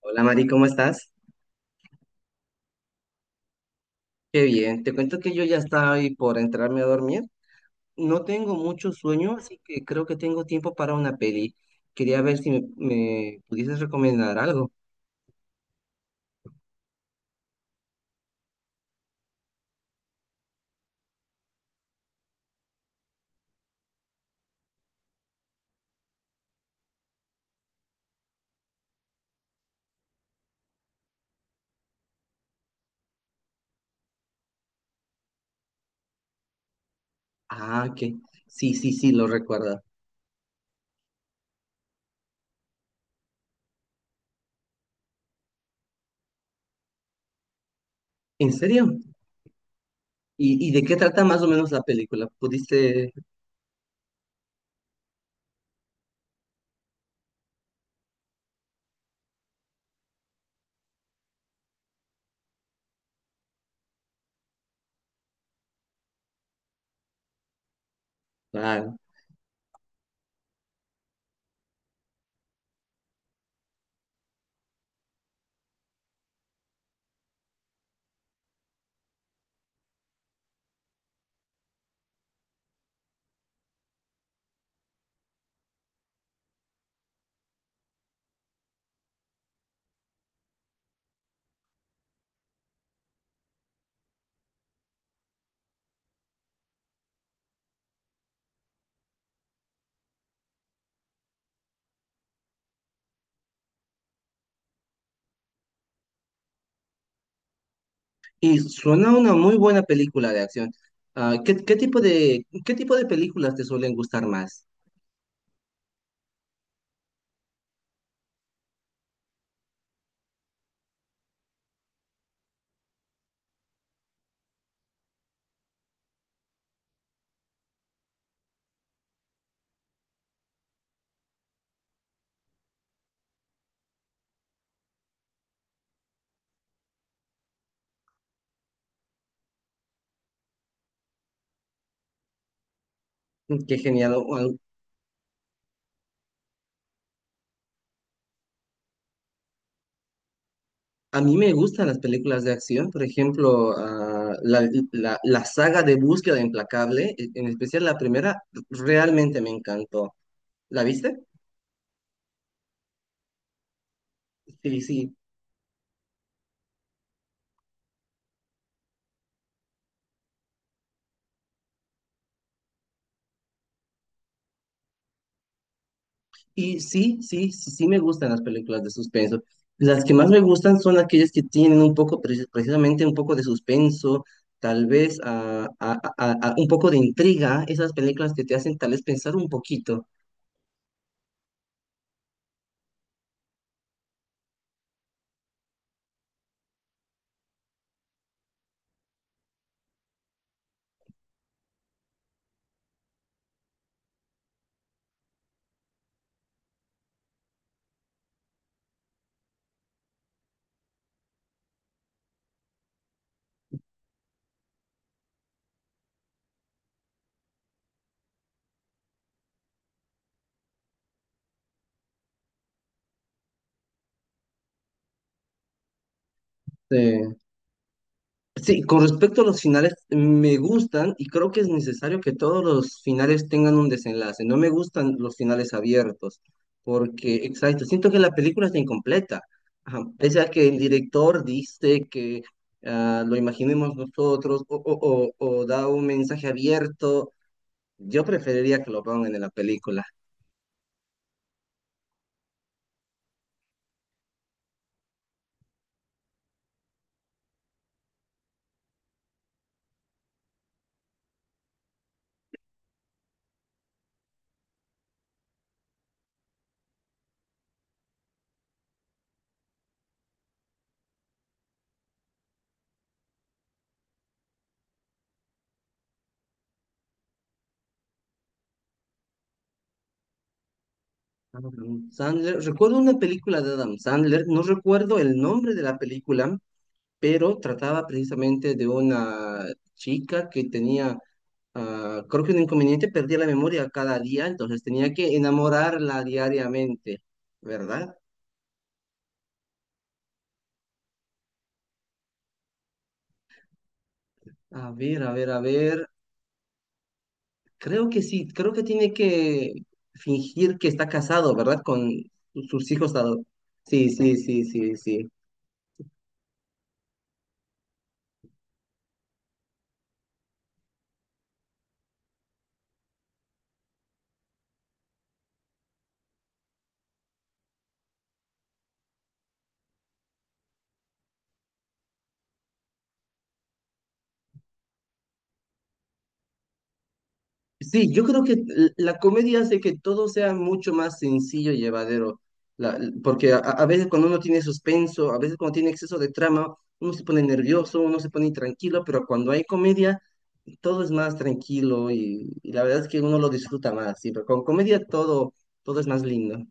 Hola Mari, ¿cómo estás? Qué bien, te cuento que yo ya estaba ahí por entrarme a dormir. No tengo mucho sueño, así que creo que tengo tiempo para una peli. Quería ver si me pudieses recomendar algo. Ah, que sí, sí, sí, lo recuerdo. ¿En serio? ¿Y de qué trata más o menos la película? ¿Pudiste...? Claro. Y suena una muy buena película de acción. Ah, ¿qué tipo de películas te suelen gustar más? Qué genial. A mí me gustan las películas de acción, por ejemplo, la saga de Búsqueda Implacable, en especial la primera, realmente me encantó. ¿La viste? Sí, sí. Y sí, sí, sí, sí me gustan las películas de suspenso. Las que más me gustan son aquellas que tienen un poco, precisamente un poco de suspenso, tal vez un poco de intriga, esas películas que te hacen tal vez pensar un poquito. Sí. Sí, con respecto a los finales, me gustan y creo que es necesario que todos los finales tengan un desenlace. No me gustan los finales abiertos, porque, exacto, siento que la película está incompleta. Ajá, pese a que el director dice que lo imaginemos nosotros o o da un mensaje abierto, yo preferiría que lo pongan en la película. Adam Sandler, recuerdo una película de Adam Sandler, no recuerdo el nombre de la película, pero trataba precisamente de una chica que tenía, creo que un inconveniente, perdía la memoria cada día, entonces tenía que enamorarla diariamente, ¿verdad? A ver, a ver, a ver, creo que sí, creo que tiene que fingir que está casado, ¿verdad? Con sus hijos. Sí, sí, sí, sí, sí. Sí, yo creo que la comedia hace que todo sea mucho más sencillo y llevadero, porque a veces cuando uno tiene suspenso, a veces cuando tiene exceso de trama, uno se pone nervioso, uno se pone intranquilo, pero cuando hay comedia, todo es más tranquilo y la verdad es que uno lo disfruta más, sí, pero con comedia todo es más lindo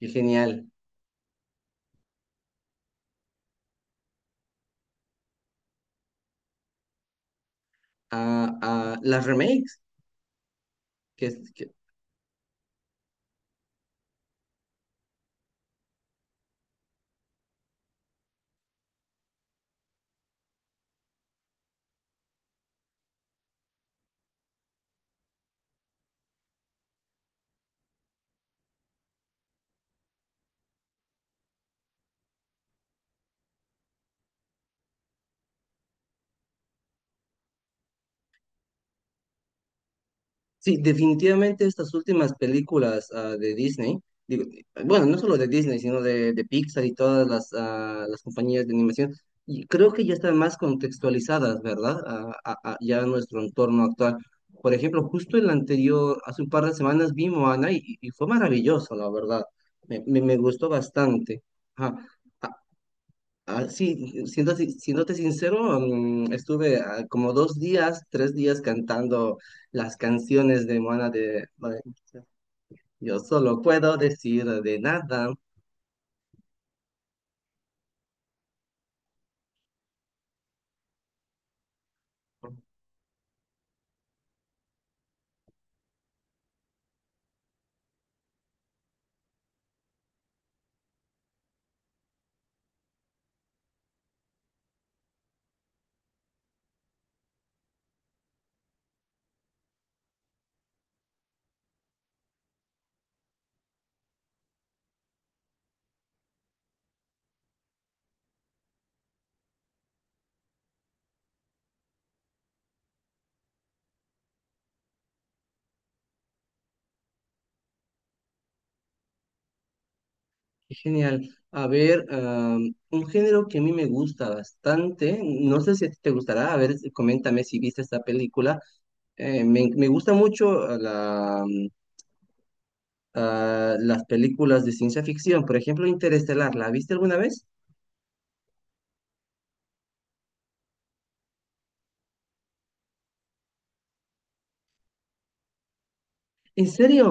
y genial. Ah, ah, las remakes, que, sí, definitivamente estas últimas películas de Disney, digo, bueno, no solo de Disney, sino de Pixar y todas las compañías de animación, y creo que ya están más contextualizadas, ¿verdad? Ya a nuestro entorno actual. Por ejemplo, justo el anterior, hace un par de semanas vi Moana y fue maravilloso, la verdad. Me gustó bastante. Ajá. Ah, sí, siendo, si- siéndote sincero, estuve como 2 días, 3 días cantando las canciones de Moana de... vale, yo solo puedo decir de nada. Qué genial. A ver, am, un género que a mí me gusta bastante, no sé si a ti te gustará, a ver, coméntame si viste esta película. Me gusta mucho las películas de ciencia ficción, por ejemplo, Interestelar, ¿la viste alguna vez? ¿En serio?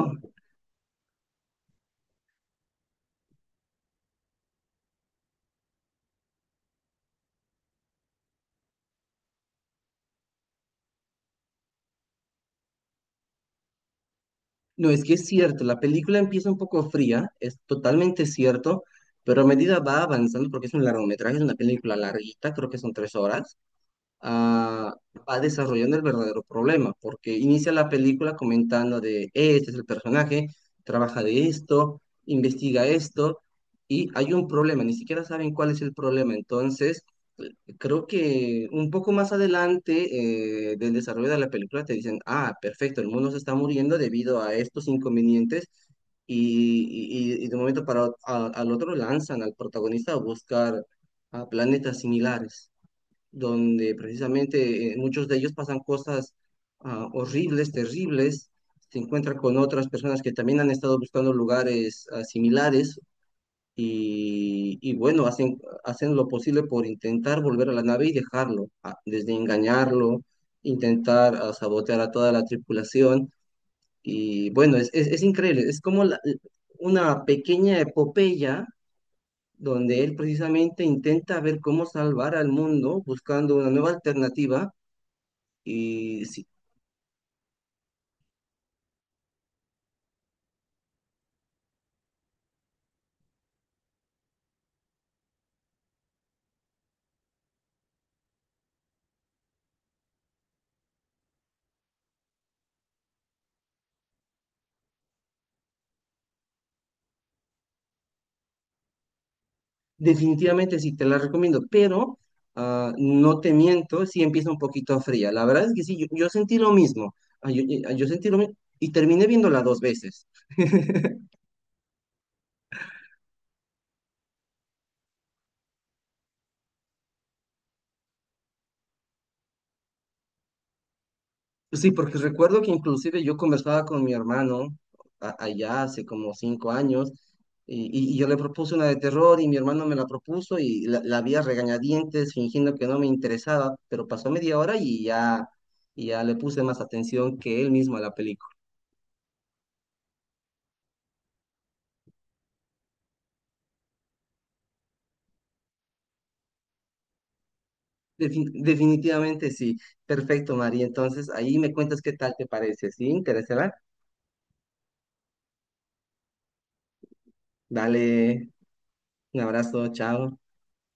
No, es que es cierto, la película empieza un poco fría, es totalmente cierto, pero a medida va avanzando, porque es un largometraje, es una película larguita, creo que son 3 horas, ah, va desarrollando el verdadero problema, porque inicia la película comentando de, este es el personaje, trabaja de esto, investiga esto, y hay un problema, ni siquiera saben cuál es el problema". Entonces, creo que un poco más adelante del desarrollo de la película te dicen, ah, perfecto, el mundo se está muriendo debido a estos inconvenientes. Y, y de un momento para al otro lanzan al protagonista a buscar a planetas similares donde precisamente muchos de ellos pasan cosas horribles, terribles, se encuentran con otras personas que también han estado buscando lugares similares y bueno, hacen lo posible por intentar volver a la nave y dejarlo, desde engañarlo, intentar sabotear a toda la tripulación y bueno, es increíble, es como una pequeña epopeya donde él precisamente intenta ver cómo salvar al mundo buscando una nueva alternativa y sí, definitivamente sí, te la recomiendo, pero no te miento, sí empieza un poquito fría. La verdad es que sí, yo sentí lo mismo. Ah, yo sentí lo mismo y terminé viéndola dos veces. Sí, porque recuerdo que inclusive yo conversaba con mi hermano allá hace como 5 años y yo le propuse una de terror y mi hermano me la propuso y la vi a regañadientes fingiendo que no me interesaba, pero pasó media hora y ya le puse más atención que él mismo a la película. Definitivamente sí. Perfecto, María. Entonces, ahí me cuentas qué tal te parece. ¿Sí? ¿Interesará? Dale, un abrazo, chao.